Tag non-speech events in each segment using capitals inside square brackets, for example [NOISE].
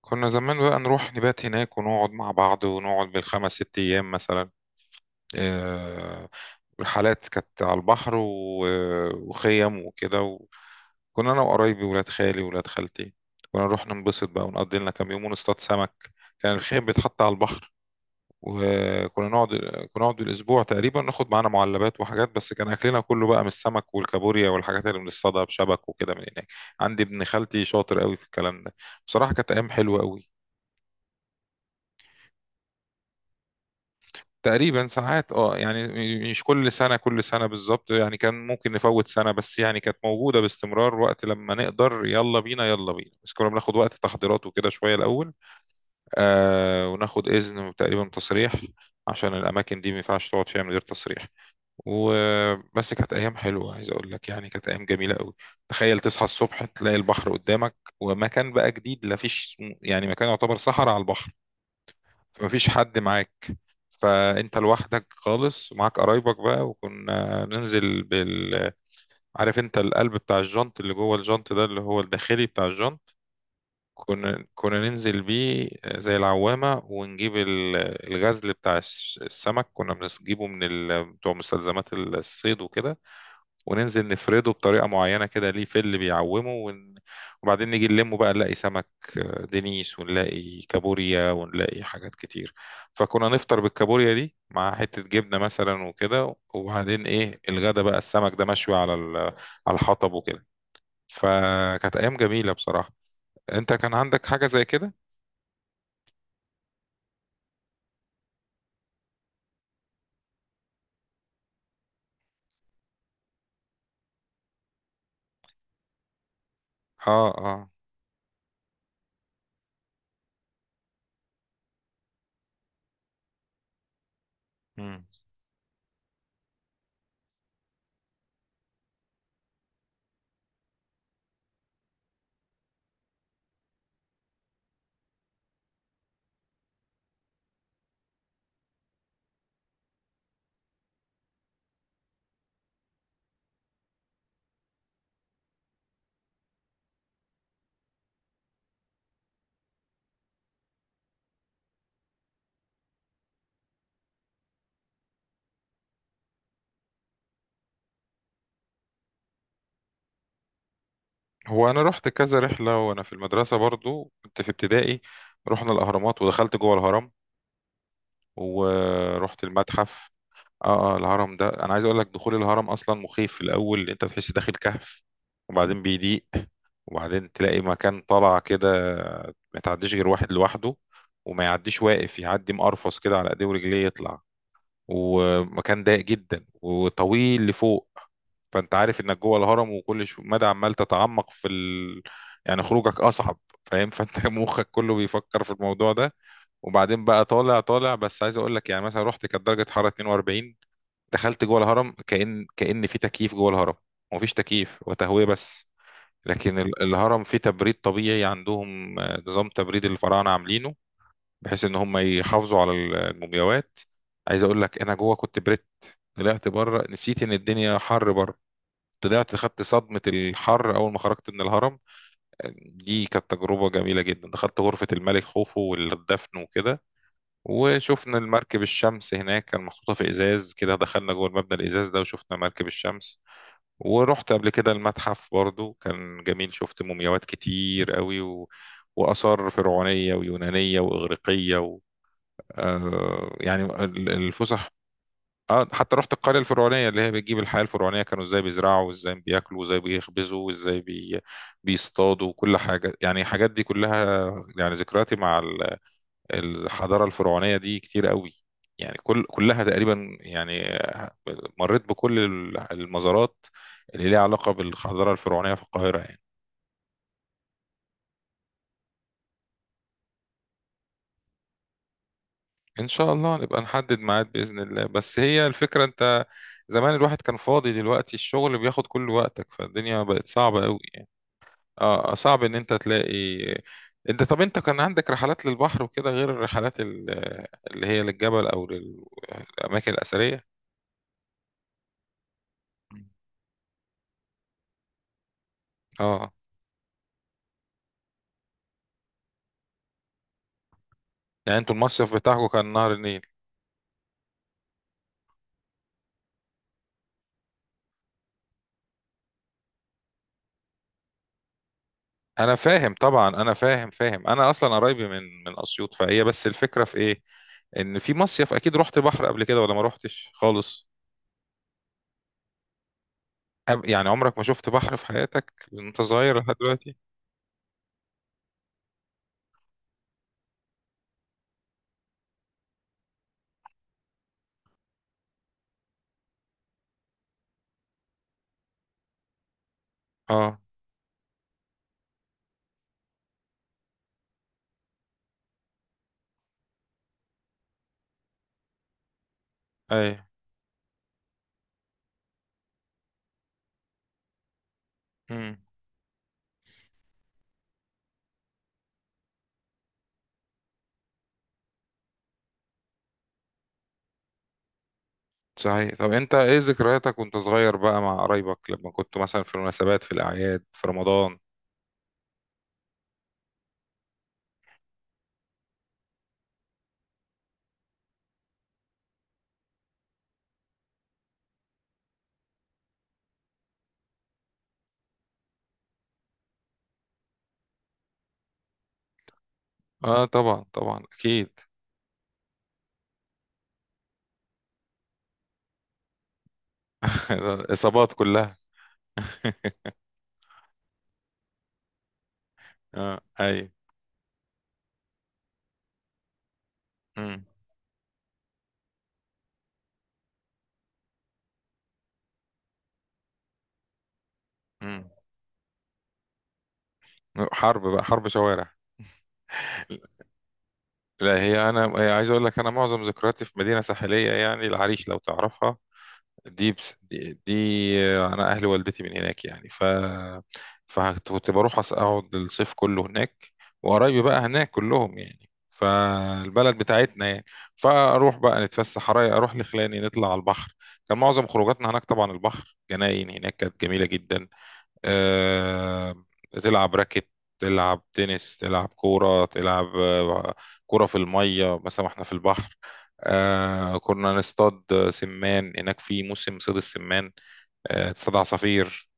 كنا زمان بقى نروح نبات هناك ونقعد مع بعض ونقعد بالخمس ست أيام مثلا. آه، الحالات كانت على البحر وخيم وكده كنا أنا وقرايبي ولاد خالي ولاد خالتي. كنا نروح ننبسط بقى ونقضي لنا كام يوم ونصطاد سمك. كان الخيم بيتحط على البحر وكنا نقعد كنا نقعد الأسبوع تقريبا، ناخد معانا معلبات وحاجات، بس كان أكلنا كله بقى من السمك والكابوريا والحاجات اللي بنصطادها بشبك وكده من هناك. عندي ابن خالتي شاطر قوي في الكلام ده. بصراحة كانت أيام حلوة قوي. تقريبا ساعات اه مش كل سنة بالظبط، يعني كان ممكن نفوت سنة، بس يعني كانت موجودة باستمرار وقت لما نقدر، يلا بينا يلا بينا، بس كنا بناخد وقت تحضيرات وكده شوية الأول. آه، وناخد إذن تقريبا تصريح، عشان الأماكن دي ما ينفعش تقعد فيها من غير تصريح. وبس كانت أيام حلوة، عايز أقول لك يعني كانت أيام جميلة قوي. تخيل تصحى الصبح تلاقي البحر قدامك ومكان بقى جديد، لا فيش يعني مكان، يعتبر صحراء على البحر. فمفيش حد معاك، فانت لوحدك خالص ومعاك قرايبك بقى. وكنا ننزل عارف انت القلب بتاع الجنط اللي جوه الجنط ده اللي هو الداخلي بتاع الجنط؟ كنا ننزل بيه زي العوامة، ونجيب الغزل بتاع السمك، كنا بنجيبه من بتوع مستلزمات الصيد وكده، وننزل نفرده بطريقة معينة كده ليه، فل بيعومه وبعدين نيجي نلمه بقى، نلاقي سمك دينيس، ونلاقي كابوريا، ونلاقي حاجات كتير. فكنا نفطر بالكابوريا دي مع حتة جبنة مثلا وكده، وبعدين ايه الغدا بقى، السمك ده مشوي على على الحطب وكده. فكانت ايام جميلة بصراحة. انت كان عندك حاجة زي كده؟ اه اه. مم. هو انا رحت كذا رحلة وانا في المدرسة، برضو كنت في ابتدائي. رحنا الاهرامات ودخلت جوه الهرم، ورحت المتحف. اه اه. الهرم ده انا عايز اقول لك، دخول الهرم اصلا مخيف في الاول، انت بتحس داخل كهف، وبعدين بيضيق، وبعدين تلاقي مكان طالع كده، ما تعديش غير واحد لوحده، وما يعديش واقف، يعدي مقرفص كده على ايديه ورجليه يطلع، ومكان ضيق جدا وطويل لفوق. فانت عارف انك جوه الهرم، وكل مدى عمال تتعمق في يعني خروجك اصعب، فاهم؟ [LAUGHS] فانت مخك كله بيفكر في الموضوع ده. وبعدين بقى طالع طالع، بس عايز اقول لك يعني مثلا رحت كانت درجه حراره 42، دخلت جوه الهرم كأن في تكييف جوه الهرم، ومفيش تكييف وتهوية، بس لكن الهرم فيه تبريد طبيعي عندهم. آه، نظام تبريد الفراعنة عاملينه، بحيث ان هم يحافظوا على المومياوات. عايز اقول لك انا جوه كنت بريت، طلعت بره نسيت ان الدنيا حر بره، طلعت خدت صدمة الحر أول ما خرجت من الهرم. دي كانت تجربة جميلة جدا. دخلت غرفة الملك خوفو والدفن وكده، وشفنا المركب الشمس هناك، كان محطوطة في إزاز كده، دخلنا جوه المبنى الإزاز ده وشفنا مركب الشمس. ورحت قبل كده المتحف برضو، كان جميل، شفت مومياوات كتير قوي وآثار فرعونية ويونانية وإغريقية آه يعني الفسح. آه، حتى رحت القرية الفرعونية اللي هي بتجيب الحياة الفرعونية، كانوا ازاي بيزرعوا وازاي بياكلوا وازاي بيخبزوا بيصطادوا وكل حاجة، يعني الحاجات دي كلها. يعني ذكرياتي مع الحضارة الفرعونية دي كتير قوي، يعني كلها تقريبا يعني. مريت بكل المزارات اللي ليها علاقة بالحضارة الفرعونية في القاهرة يعني. إن شاء الله نبقى نحدد ميعاد بإذن الله، بس هي الفكرة أنت زمان الواحد كان فاضي، دلوقتي الشغل بياخد كل وقتك، فالدنيا بقت صعبة قوي يعني. اه، آه، صعب إن أنت تلاقي. أنت طب أنت كان عندك رحلات للبحر وكده غير الرحلات اللي هي للجبل أو للأماكن الأثرية؟ اه. يعني انتوا المصيف بتاعكم كان نهر النيل؟ انا فاهم طبعا، انا فاهم انا اصلا قرايبي من اسيوط، فهي بس الفكره في ايه، ان في مصيف اكيد رحت بحر قبل كده ولا ما رحتش خالص؟ يعني عمرك ما شفت بحر في حياتك وانت صغير لحد دلوقتي؟ اه اي. امم. صحيح، طب انت ايه ذكرياتك وانت صغير بقى مع قرايبك، لما كنت مثلا في المناسبات في الاعياد في رمضان؟ اه طبعا طبعا اكيد. [LAUGHS] الاصابات كلها. اه اي. امم. امم. حرب بقى، حرب شوارع. لا هي انا هي عايز اقول لك، انا معظم ذكرياتي في مدينه ساحليه، يعني العريش لو تعرفها، دي بس دي, دي انا اهل والدتي من هناك يعني، ف فكنت بروح اقعد الصيف كله هناك، وقرايبي بقى هناك كلهم يعني، فالبلد بتاعتنا يعني. فاروح بقى نتفسح رايق، اروح لخلاني نطلع على البحر، كان معظم خروجاتنا هناك طبعا البحر، جناين هناك كانت جميله جدا. آه، تلعب راكت، تلعب تنس، تلعب كورة، تلعب آه، كورة في المية مثلا احنا في البحر. آه، كنا نصطاد سمان هناك في موسم صيد السمان. آه، تصطاد عصافير.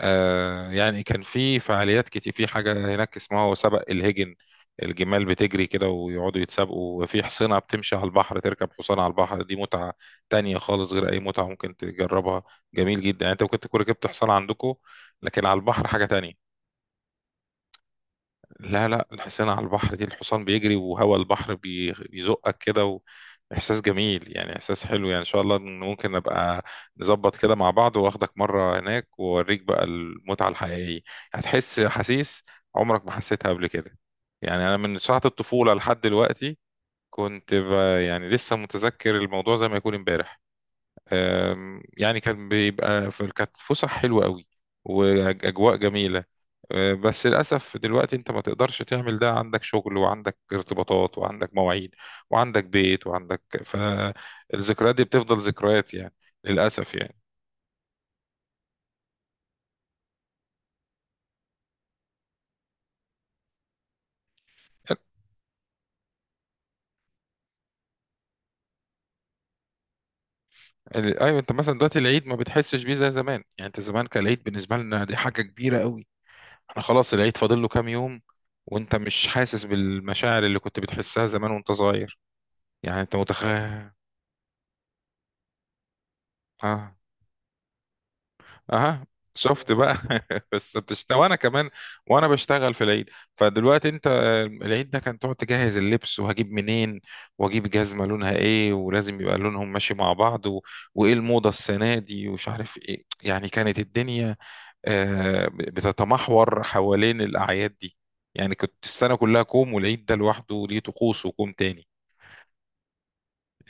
آه، يعني كان في فعاليات كتير، في حاجة هناك اسمها سبق الهجن، الجمال بتجري كده ويقعدوا يتسابقوا، وفي حصينة بتمشي على البحر، تركب حصان على البحر دي متعة تانية خالص غير أي متعة ممكن تجربها. جميل جدا يعني، أنت ممكن تكون ركبت حصان عندكم، لكن على البحر حاجة تانية. لا لا، الحسينة على البحر دي الحصان بيجري وهوا البحر بيزقك كده، وإحساس جميل، يعني إحساس حلو يعني. إن شاء الله إن ممكن نبقى نظبط كده مع بعض وآخدك مرة هناك، وأوريك بقى المتعة الحقيقية، هتحس أحاسيس عمرك ما حسيتها قبل كده. يعني أنا من ساعة الطفولة لحد دلوقتي كنت ب... يعني لسه متذكر الموضوع زي ما يكون امبارح. يعني كان بيبقى في، كانت فسح حلوة قوي وأجواء جميلة. آه، بس للأسف دلوقتي أنت ما تقدرش تعمل ده، عندك شغل وعندك ارتباطات وعندك مواعيد وعندك بيت وعندك، فالذكريات دي بتفضل ذكريات يعني، للأسف يعني. أيوة، أنت مثلا دلوقتي العيد ما بتحسش بيه زي زمان، يعني أنت زمان كان العيد بالنسبة لنا دي حاجة كبيرة قوي. احنا خلاص العيد فاضل له كام يوم، وأنت مش حاسس بالمشاعر اللي كنت بتحسها زمان وأنت صغير، يعني أنت متخيل؟ اه. اها. شفت بقى [LAUGHS] بس بتشتغل وانا كمان، وانا بشتغل في العيد. فدلوقتي انت آه، العيد ده كان تقعد تجهز اللبس وهجيب منين، واجيب جزمه لونها ايه ولازم يبقى لونهم ماشي مع بعض وايه الموضه السنه دي ومش عارف ايه، يعني كانت الدنيا آه، بتتمحور حوالين الاعياد دي. يعني كنت السنه كلها كوم والعيد ده لوحده ليه طقوس وكوم تاني.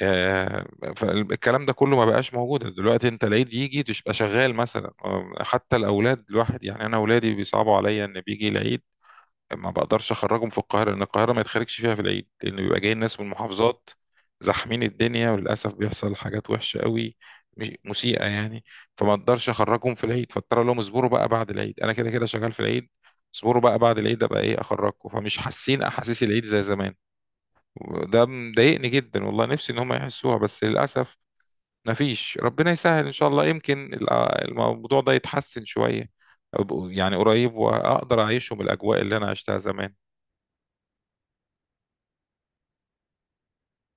آه، فالكلام ده كله ما بقاش موجود دلوقتي، انت العيد يجي تبقى شغال مثلا آه، حتى الاولاد الواحد يعني انا اولادي بيصعبوا عليا ان بيجي العيد ما بقدرش اخرجهم في القاهره، لان القاهره ما يتخرجش فيها في العيد، لان بيبقى جاي الناس من محافظات زاحمين الدنيا، وللاسف بيحصل حاجات وحشه قوي، مسيئه يعني. فما اقدرش اخرجهم في العيد، فاضطر أقول لهم اصبروا بقى بعد العيد، انا كده كده شغال في العيد، اصبروا بقى بعد العيد ابقى ايه اخرجكم، فمش حاسين احاسيس العيد زي زمان. ده مضايقني جدا والله، نفسي ان هم يحسوها بس للاسف مفيش. ربنا يسهل ان شاء الله، يمكن الموضوع ده يتحسن شويه، يعني قريب واقدر اعيشهم الاجواء اللي انا عشتها زمان.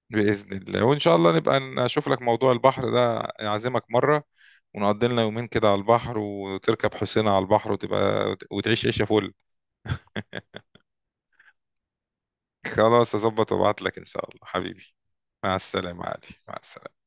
باذن الله، وان شاء الله نبقى نشوف لك موضوع البحر ده، اعزمك مره ونقضي لنا يومين كده على البحر، وتركب حسينة على البحر، وتبقى وتعيش عيشه فل. خلاص اظبط وابعت لك ان شاء الله حبيبي. مع السلامه يا علي. مع السلامه.